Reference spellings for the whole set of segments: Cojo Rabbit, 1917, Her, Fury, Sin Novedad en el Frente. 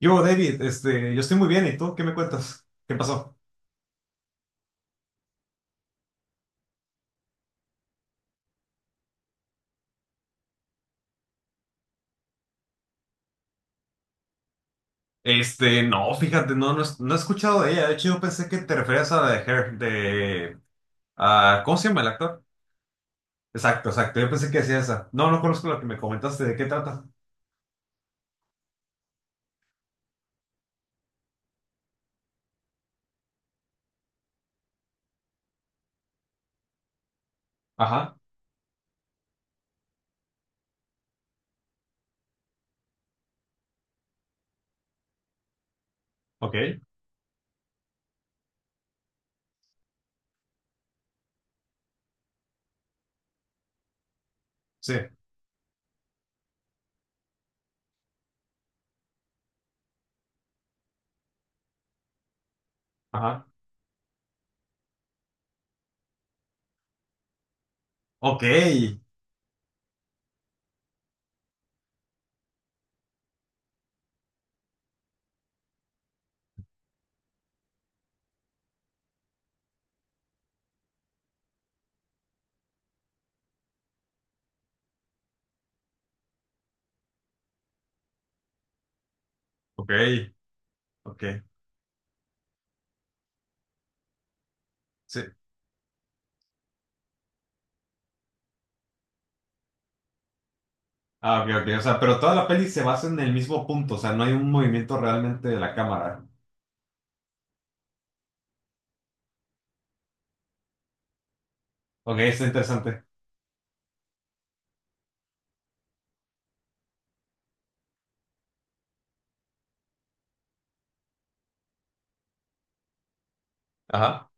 Yo, David, yo estoy muy bien, ¿y tú? ¿Qué me cuentas? ¿Qué pasó? No, fíjate, no, no, no he escuchado de ella. De hecho, yo pensé que te referías a la de Her. A, ¿cómo se llama el actor? Exacto, exacto, yo pensé que decía esa. No, no conozco la que me comentaste, ¿de qué trata? Ajá, ok, sí, ajá, ok, ok, ok, sí. Ah, ok, ok, o sea, pero toda la peli se basa en el mismo punto, o sea, no hay un movimiento realmente de la cámara. Ok, está interesante. Ajá,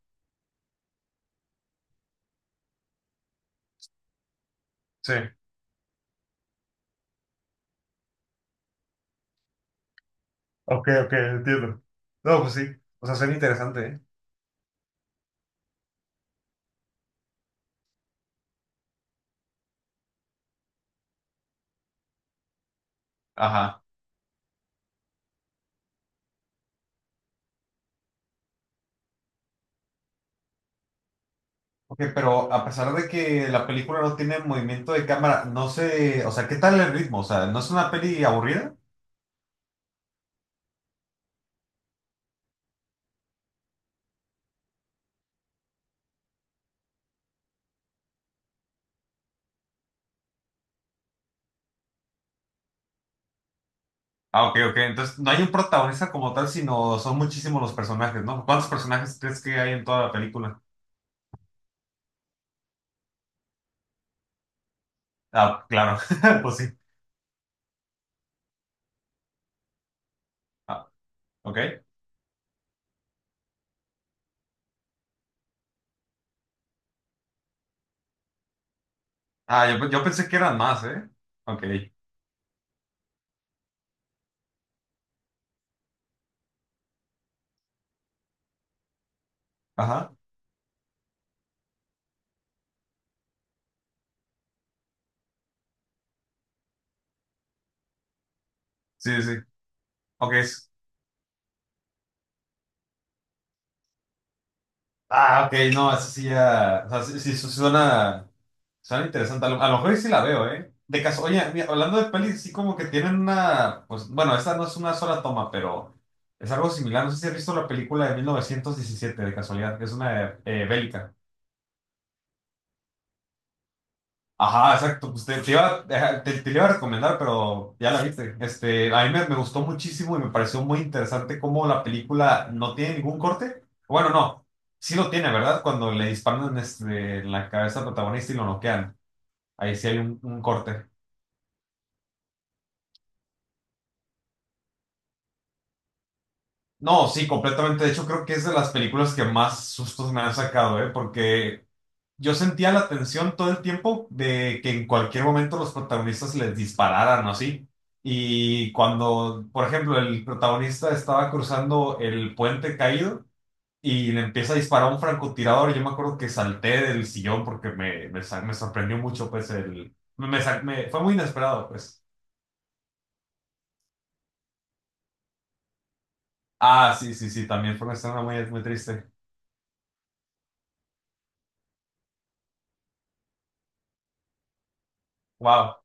sí. Ok, ok, entiendo. No, pues sí. O sea, suena interesante, ¿eh? Ajá. Ok, pero a pesar de que la película no tiene movimiento de cámara, no sé, o sea, ¿qué tal el ritmo? O sea, ¿no es una peli aburrida? Ah, ok, ok. Entonces, no hay un protagonista como tal, sino son muchísimos los personajes, ¿no? ¿Cuántos personajes crees que hay en toda la película? Ah, claro, pues sí. Ah, ok. Ah, yo pensé que eran más, ¿eh? Ok. Ajá. Sí, sí, sí. Ok. Ah, ok, no, eso sí ya. O sea, sí, sí, suena interesante. A lo mejor y sí la veo, ¿eh? De caso, oye, mira, hablando de pelis, sí como que tienen una. Pues bueno, esta no es una sola toma, pero es algo similar. No sé si has visto la película de 1917 de casualidad, que es una bélica. Ajá, exacto. Pues te la iba a recomendar, pero ya la viste. A mí me gustó muchísimo y me pareció muy interesante cómo la película no tiene ningún corte. Bueno, no, sí lo tiene, ¿verdad? Cuando le disparan en la cabeza al protagonista y lo noquean. Ahí sí hay un corte. No, sí, completamente. De hecho, creo que es de las películas que más sustos me han sacado, ¿eh? Porque yo sentía la tensión todo el tiempo de que en cualquier momento los protagonistas les dispararan o así. Y cuando, por ejemplo, el protagonista estaba cruzando el puente caído y le empieza a disparar un francotirador, yo me acuerdo que salté del sillón porque me sorprendió mucho, pues. Fue muy inesperado, pues. Ah, sí, sí, sí, también fue una escena muy, muy triste. Wow.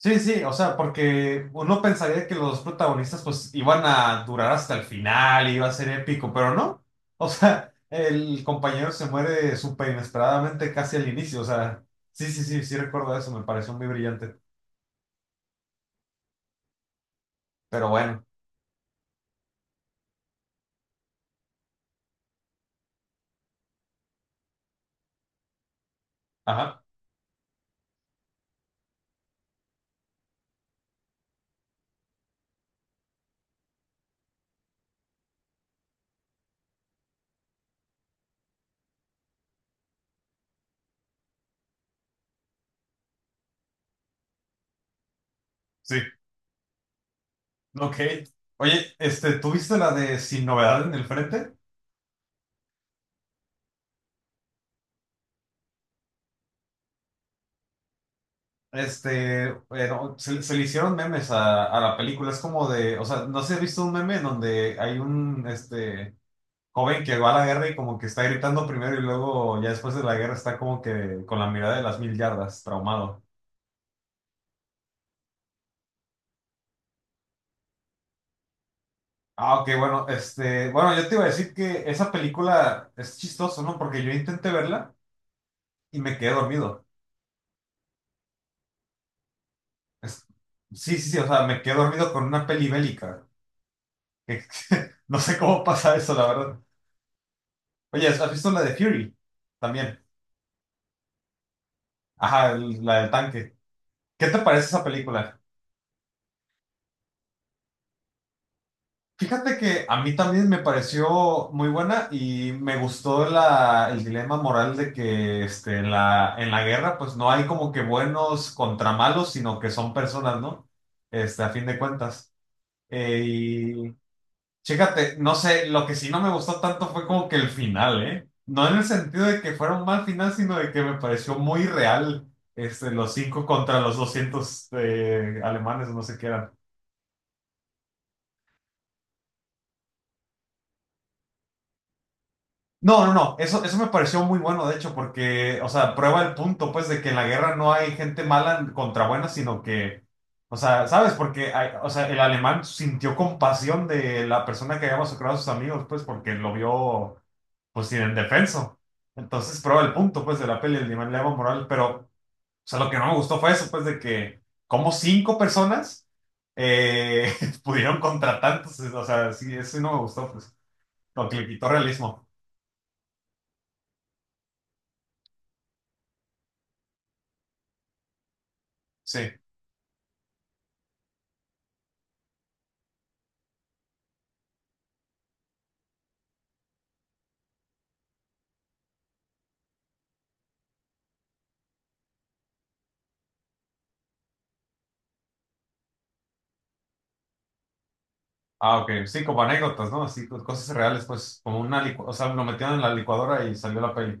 Sí, sí, o sea, porque uno pensaría que los protagonistas pues iban a durar hasta el final, iba a ser épico, pero no. O sea, el compañero se muere súper inesperadamente casi al inicio, o sea, sí, sí, sí, sí recuerdo eso, me pareció muy brillante. Pero bueno, ajá, sí, ok. Oye, ¿tú viste la de Sin Novedad en el Frente? Bueno, se le hicieron memes a la película, es como o sea, no sé si has visto un meme en donde hay este joven que va a la guerra y como que está gritando primero y luego ya después de la guerra está como que con la mirada de las mil yardas, traumado. Ah, ok, bueno, bueno, yo te iba a decir que esa película es chistoso, ¿no? Porque yo intenté verla y me quedé dormido. Es- sí, sí, sí, o sea, me quedé dormido con una peli bélica. Que- no sé cómo pasa eso, la verdad. Oye, ¿has visto la de Fury? También. Ajá, la del tanque. ¿Qué te parece esa película? Fíjate que a mí también me pareció muy buena y me gustó el dilema moral de que en la guerra pues no hay como que buenos contra malos, sino que son personas, ¿no? A fin de cuentas. Y chécate, no sé, lo que sí no me gustó tanto fue como que el final, ¿eh? No en el sentido de que fuera un mal final, sino de que me pareció muy real los cinco contra los 200 alemanes, no sé qué eran. No, no, no, eso me pareció muy bueno, de hecho, porque, o sea, prueba el punto, pues, de que en la guerra no hay gente mala contra buena, sino que, o sea, ¿sabes? Porque, o sea, el alemán sintió compasión de la persona que había masacrado a sus amigos, pues, porque lo vio, pues, sin indefenso. Entonces, prueba el punto, pues, de la peli, el nivel de Evo moral, pero, o sea, lo que no me gustó fue eso, pues, de que, como cinco personas eh, pudieron contra tantos, o sea, sí, eso sí no me gustó, pues, lo que le quitó realismo, sí. Ah, ok. Sí, como anécdotas, ¿no? Así, cosas reales, pues, como una o sea, lo metieron en la licuadora y salió la peli.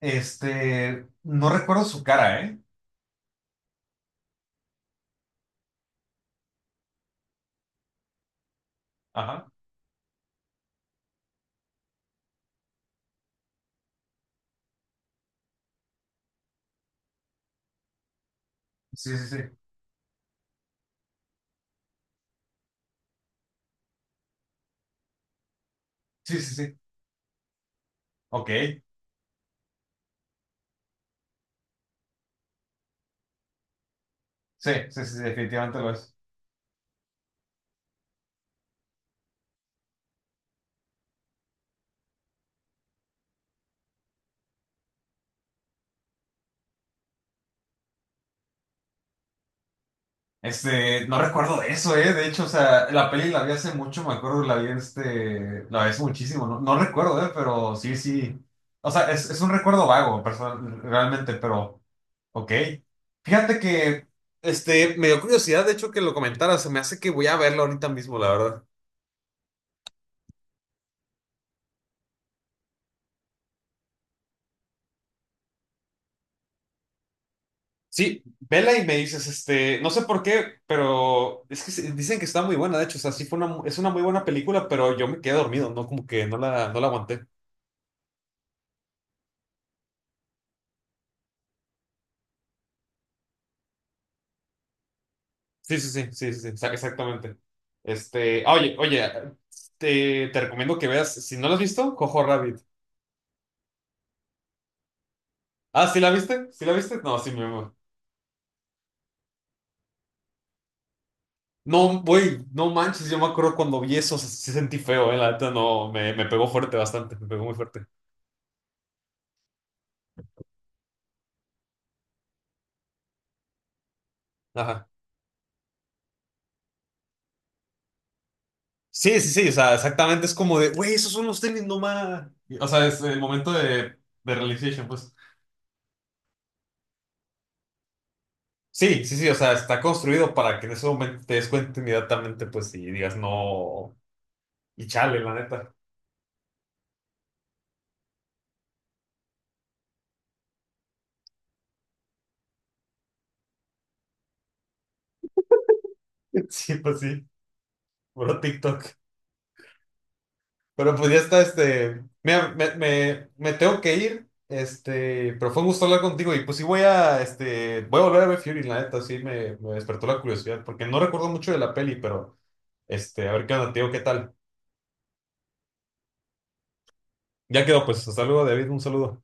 No recuerdo su cara, ¿eh? Ajá. Sí, sí, sí. Sí, sí, sí. Ok. Sí, sí, sí, sí, definitivamente lo es. No recuerdo de eso, ¿eh? De hecho, o sea, la peli la vi hace mucho, me acuerdo, la vi hace muchísimo, no, no recuerdo, ¿eh? Pero sí, sí. O sea, es un recuerdo vago, personal, realmente, pero. Ok. Fíjate que me dio curiosidad, de hecho, que lo comentaras. Se me hace que voy a verlo ahorita mismo, la verdad. Sí, vela y me dices, no sé por qué, pero es que dicen que está muy buena, de hecho, o sea, sí es una muy buena película, pero yo me quedé dormido, no como que no la aguanté. Sí, sí, sí, sí, sí, sí, exactamente. Ah, oye, oye, te recomiendo que veas, si no la has visto, Cojo Rabbit. Ah, ¿sí la viste? ¿Sí la viste? No, sí, mi amor. No, güey, no manches, yo me acuerdo cuando vi eso, se sentí feo, la neta, no, me pegó fuerte bastante, me pegó muy fuerte. Ajá. Sí, sí, sí, o sea, exactamente, es como de, güey, esos son los tenis, no más. O sea, es el momento de, realization, pues. Sí, sí, sí, o sea, está construido para que en ese momento te des cuenta inmediatamente, pues, y digas no, y chale, la neta. Sí, pues sí, puro TikTok. Pero pues ya está, mira, me tengo que ir, pero fue un gusto hablar contigo y pues sí voy a volver a ver Fury, la neta, sí me despertó la curiosidad, porque no recuerdo mucho de la peli, pero, a ver qué onda, tío, qué tal. Ya quedó, pues, hasta luego, David, un saludo.